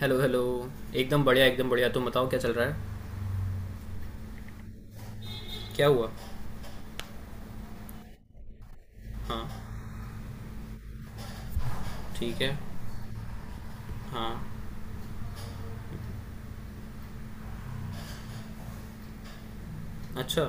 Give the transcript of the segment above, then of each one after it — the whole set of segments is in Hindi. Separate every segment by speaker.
Speaker 1: Hello hello. एकदम बढ़िया एकदम बढ़िया, तुम बताओ क्या चल रहा है? क्या हुआ? हाँ। ठीक है। हाँ। अच्छा।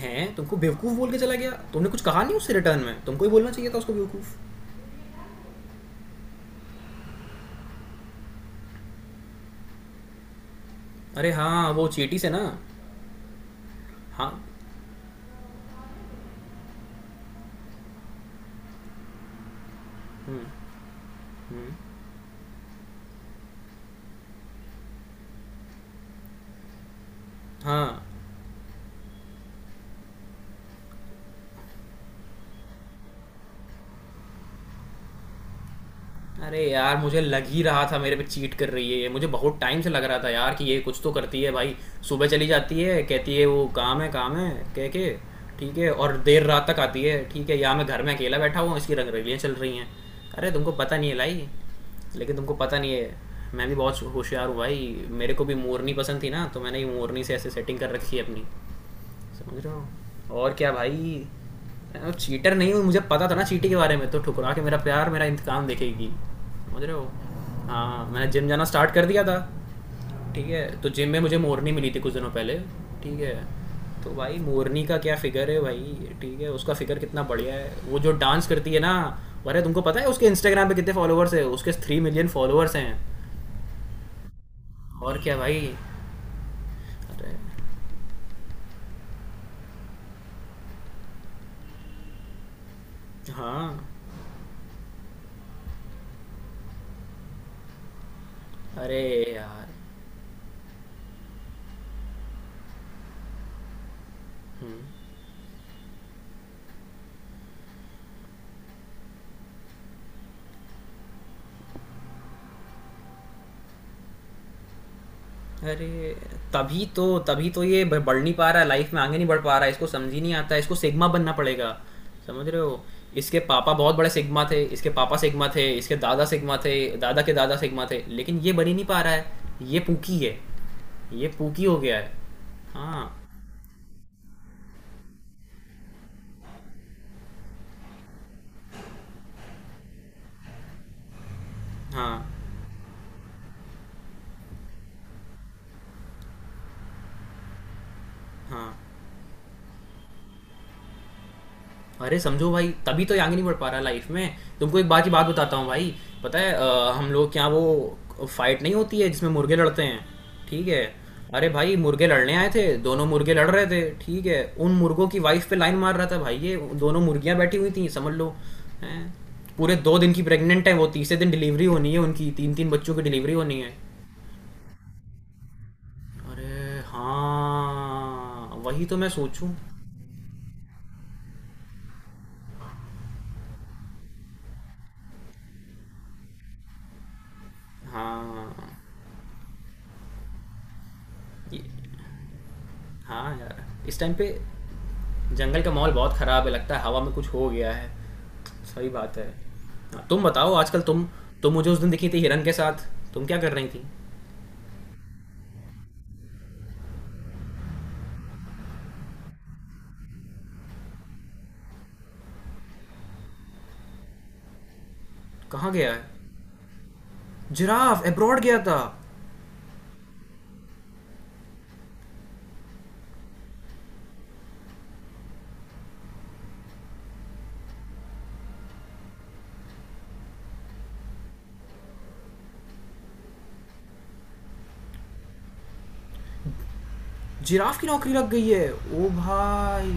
Speaker 1: हैं, तुमको बेवकूफ़ बोल के चला गया? तुमने कुछ कहा नहीं उससे? रिटर्न में तुमको ही बोलना चाहिए था उसको बेवकूफ़। अरे हाँ, वो चीटी से ना? हाँ। हम्म। हम्म। हाँ। अरे यार, मुझे लग ही रहा था मेरे पे चीट कर रही है ये। मुझे बहुत टाइम से लग रहा था यार कि ये कुछ तो करती है भाई। सुबह चली जाती है, कहती है वो काम है, काम है कह के। ठीक है, और देर रात तक आती है। ठीक है, यहाँ मैं घर में अकेला बैठा हुआ हूँ, इसकी रंगरेलियाँ चल रही हैं। अरे तुमको पता नहीं है लाई। लेकिन तुमको पता नहीं है, मैं भी बहुत होशियार हूँ भाई। मेरे को भी मोरनी पसंद थी ना, तो मैंने ये मोरनी से ऐसे सेटिंग कर रखी है अपनी। समझ रहा हूँ और क्या भाई। चीटर नहीं हूँ, मुझे पता था ना चीटी के बारे में, तो ठुकरा के मेरा प्यार मेरा इंतकाम देखेगी। समझ रहे हो? हाँ, मैंने जिम जाना स्टार्ट कर दिया था। ठीक है, तो जिम में मुझे मोरनी मिली थी कुछ दिनों पहले। ठीक है। तो भाई मोरनी का क्या फिगर है भाई, ठीक है, उसका फिगर कितना बढ़िया है। वो जो डांस करती है ना, अरे तुमको पता है उसके इंस्टाग्राम पे कितने फॉलोअर्स है? उसके थ्री मिलियन फॉलोअर्स हैं। और क्या भाई। अरे हाँ। अरे यार। अरे! तभी तो ये ब बढ़ नहीं पा रहा है, लाइफ में आगे नहीं बढ़ पा रहा है, इसको समझ ही नहीं आता है, इसको सिग्मा बनना पड़ेगा, समझ रहे हो? इसके पापा बहुत बड़े सिग्मा थे, इसके पापा सिग्मा थे, इसके दादा सिग्मा थे, दादा के दादा सिग्मा थे, लेकिन ये बन ही नहीं पा रहा है, ये पूकी हो गया है। हाँ, हाँ, हाँ। अरे समझो भाई, तभी तो ये आगे नहीं बढ़ पा रहा लाइफ में। तुमको एक बात की बात बताता हूँ भाई, पता है हम लोग क्या, वो फाइट नहीं होती है जिसमें मुर्गे लड़ते हैं, ठीक है? अरे भाई मुर्गे लड़ने आए थे, दोनों मुर्गे लड़ रहे थे, ठीक है, उन मुर्गों की वाइफ पे लाइन मार रहा था भाई ये। दोनों मुर्गियां बैठी हुई थी, समझ लो। हैं, पूरे दो दिन की प्रेग्नेंट है वो, तीसरे दिन डिलीवरी होनी है उनकी, तीन तीन बच्चों की डिलीवरी होनी है। अरे हाँ वही तो मैं सोचूं। हाँ। ये- हाँ यार, इस टाइम पे जंगल का माहौल बहुत ख़राब है, लगता है हवा में कुछ हो गया है। सही बात है। हाँ, तुम बताओ आजकल तुम। तुम मुझे उस दिन दिखी थी हिरन के साथ, तुम क्या कर रही थी? कहाँ गया है? जिराफ अब्रॉड गया था। जिराफ की नौकरी लग गई है। ओ भाई!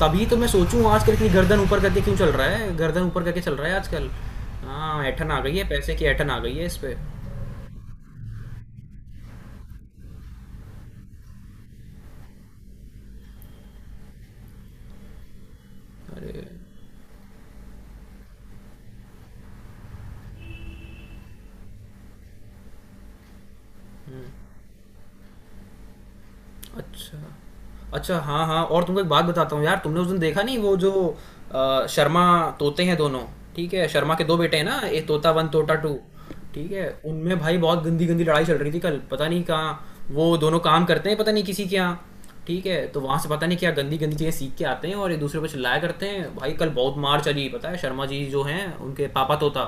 Speaker 1: तभी तो मैं सोचूँ आजकल इतनी गर्दन ऊपर करके क्यों चल रहा है? गर्दन ऊपर करके चल रहा है आजकल। हाँ, ऐंठन आ गई है, पैसे की ऐंठन आ गई है इस पे। अच्छा। अच्छा, हाँ, हाँ, और तुमको एक बात बताता हूँ यार, तुमने उस दिन देखा नहीं वो जो शर्मा तोते हैं दोनों, ठीक है? शर्मा के 2 बेटे हैं ना, एक तोता 1, तोता 2, ठीक है? उनमें भाई बहुत गंदी-गंदी लड़ाई चल रही थी कल, पता नहीं कहाँ वो दोनों काम करते हैं, पता नहीं किसी के यहाँ, ठीक है? तो वहाँ से पता नहीं क्या गंदी-गंदी चीज़ें सीख के आते हैं और एक-दूसरे पे चिल्लाया करते हैं। भाई कल बहुत मार चली, पता है? शर्मा जी जो हैं, उनके पापा तोता,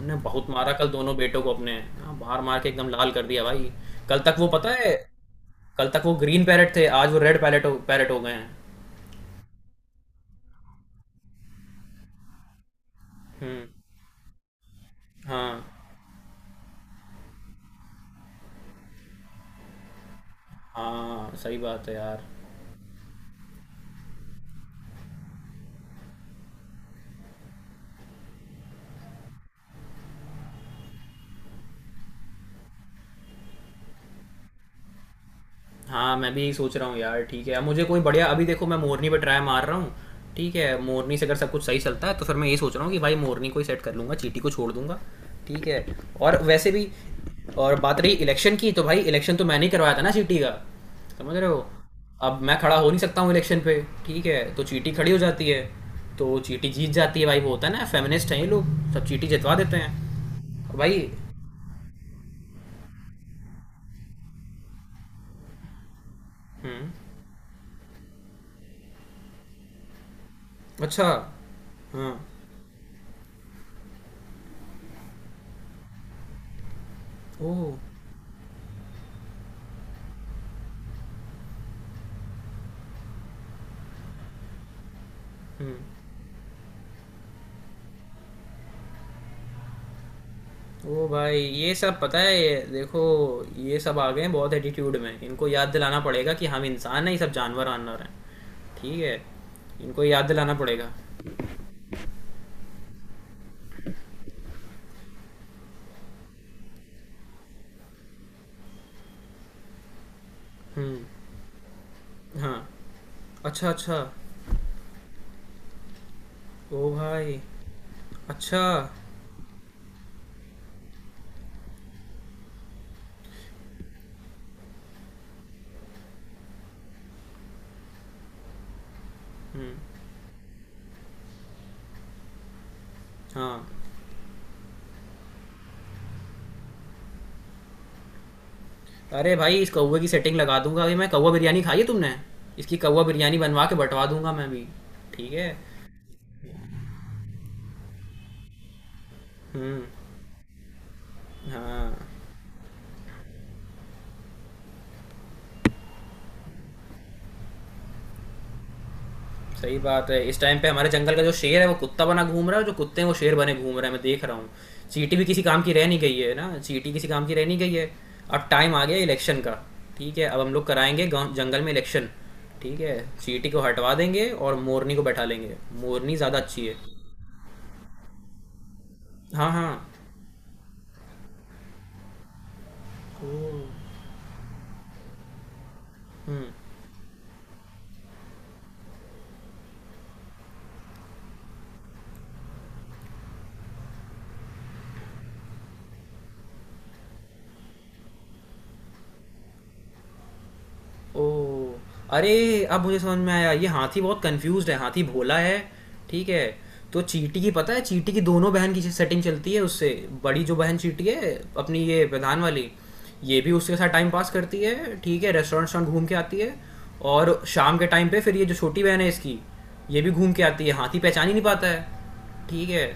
Speaker 1: उन्होंने बहुत मारा कल दोनों बेटों को अपने। हाँ, मार-मार के एकदम लाल कर दिया भाई। कल तक वो पता है, कल तक वो ग्रीन पैरेट थे, आज वो रेड पैरेट हो गए हैं। हम्म। हाँ। हाँ। सही बात है यार। हाँ, मैं भी यही सोच रहा हूँ यार। ठीक है, अब मुझे कोई बढ़िया, अभी देखो मैं मोरनी पे ट्राई मार रहा हूँ। ठीक है, मोरनी से अगर सब कुछ सही चलता है, तो फिर मैं ये सोच रहा हूँ कि भाई मोरनी को ही सेट कर लूँगा, चीटी को छोड़ दूंगा। ठीक है। और वैसे भी, और बात रही इलेक्शन की, तो भाई इलेक्शन तो मैंने ही करवाया था ना चीटी का, समझ रहे हो? अब मैं खड़ा हो नहीं सकता हूँ इलेक्शन पे, ठीक है, तो चीटी खड़ी हो जाती है, तो चीटी जीत जाती है भाई। वो होता है ना, फेमिनिस्ट हैं ये लोग, सब चीटी जितवा देते हैं भाई। हम्म। अच्छा। हाँ। ओह। हम्म। ओ भाई, ये सब पता है? ये देखो, ये सब आ गए हैं बहुत एटीट्यूड में, इनको याद दिलाना पड़ेगा कि हम इंसान हैं, ये सब जानवर वानवर हैं, ठीक है? इनको याद दिलाना पड़ेगा। हम्म। हाँ। अच्छा, अच्छा। ओ भाई। अच्छा। हम्म। हाँ। अरे भाई, इस कौवे की सेटिंग लगा दूंगा अभी मैं, कौवा बिरयानी खाई है तुमने? इसकी कौवा बिरयानी बनवा के बंटवा दूंगा मैं अभी। ठीक है। हम्म। हाँ। सही बात है, इस टाइम पे हमारे जंगल का जो शेर है वो कुत्ता बना घूम रहा है, और जो कुत्ते हैं वो शेर बने घूम रहे हैं, मैं देख रहा हूँ। चींटी भी किसी काम की रह नहीं गई है ना, चींटी किसी काम की रह नहीं गई है। अब टाइम आ गया इलेक्शन का, ठीक है, अब हम लोग कराएंगे गाँव जंगल में इलेक्शन। ठीक है, चींटी को हटवा देंगे और मोरनी को बैठा लेंगे। मोरनी ज़्यादा अच्छी है। हाँ हाँ। ओ। हम्म। ओह, अरे अब मुझे समझ में आया, ये हाथी बहुत कंफ्यूज्ड है, हाथी भोला है, ठीक है? तो चींटी की पता है, चींटी की दोनों बहन की सेटिंग चलती है उससे। बड़ी जो बहन चींटी है अपनी, ये प्रधान वाली, ये भी उसके साथ टाइम पास करती है, ठीक है, रेस्टोरेंट रेस्टोरेंट घूम के आती है। और शाम के टाइम पे फिर ये जो छोटी बहन है इसकी, ये भी घूम के आती है, हाथी पहचान ही नहीं पाता है, ठीक है?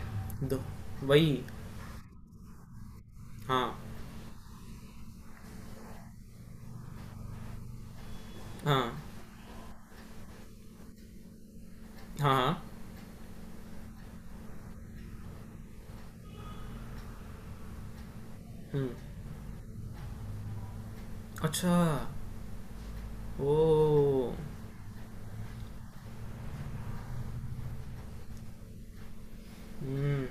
Speaker 1: दो। वही। हाँ, हाँ, हाँ। हाँ। हम्म। अच्छा। ओ। हम्म।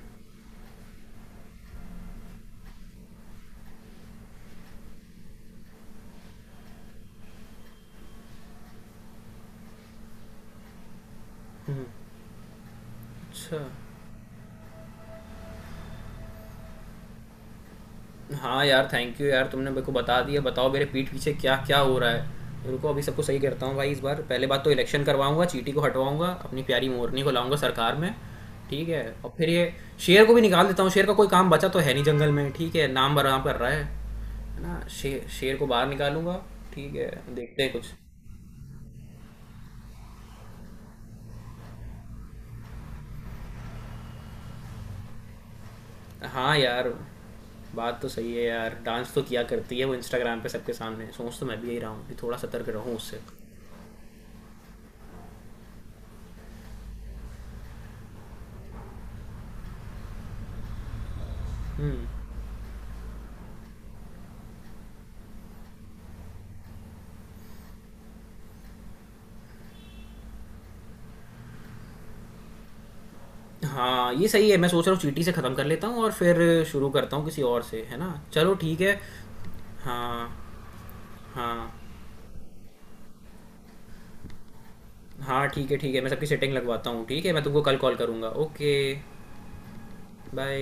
Speaker 1: हुँ, अच्छा। हाँ यार, थैंक यू यार, तुमने मेरे को बता दिया। बताओ मेरे पीठ पीछे क्या-क्या हो रहा है। रुको अभी सबको सही करता हूँ भाई इस बार। पहले बात तो इलेक्शन करवाऊँगा, चींटी को हटवाऊँगा, अपनी प्यारी मोरनी को लाऊँगा सरकार में, ठीक है? और फिर ये शेर को भी निकाल देता हूँ, शेर का कोई काम बचा तो है नहीं जंगल में, ठीक है? नाम बदनाम कर रहा है ना? शे शेर को बाहर निकालूँगा, ठीक है? देखते हैं कुछ। हाँ यार, बात तो सही है यार। डांस तो किया करती है वो इंस्टाग्राम पे सबके सामने। सोच तो मैं भी यही रहा हूँ कि थोड़ा सतर्क रहूँ उससे। हाँ ये सही है, मैं सोच रहा हूँ चींटी से ख़त्म कर लेता हूँ, और फिर शुरू करता हूँ किसी और से, है ना? चलो ठीक है। हाँ। हाँ हाँ। ठीक है, ठीक है, मैं सबकी सेटिंग लगवाता हूँ, ठीक है, मैं तुमको कल कॉल करूँगा, ओके। बाय।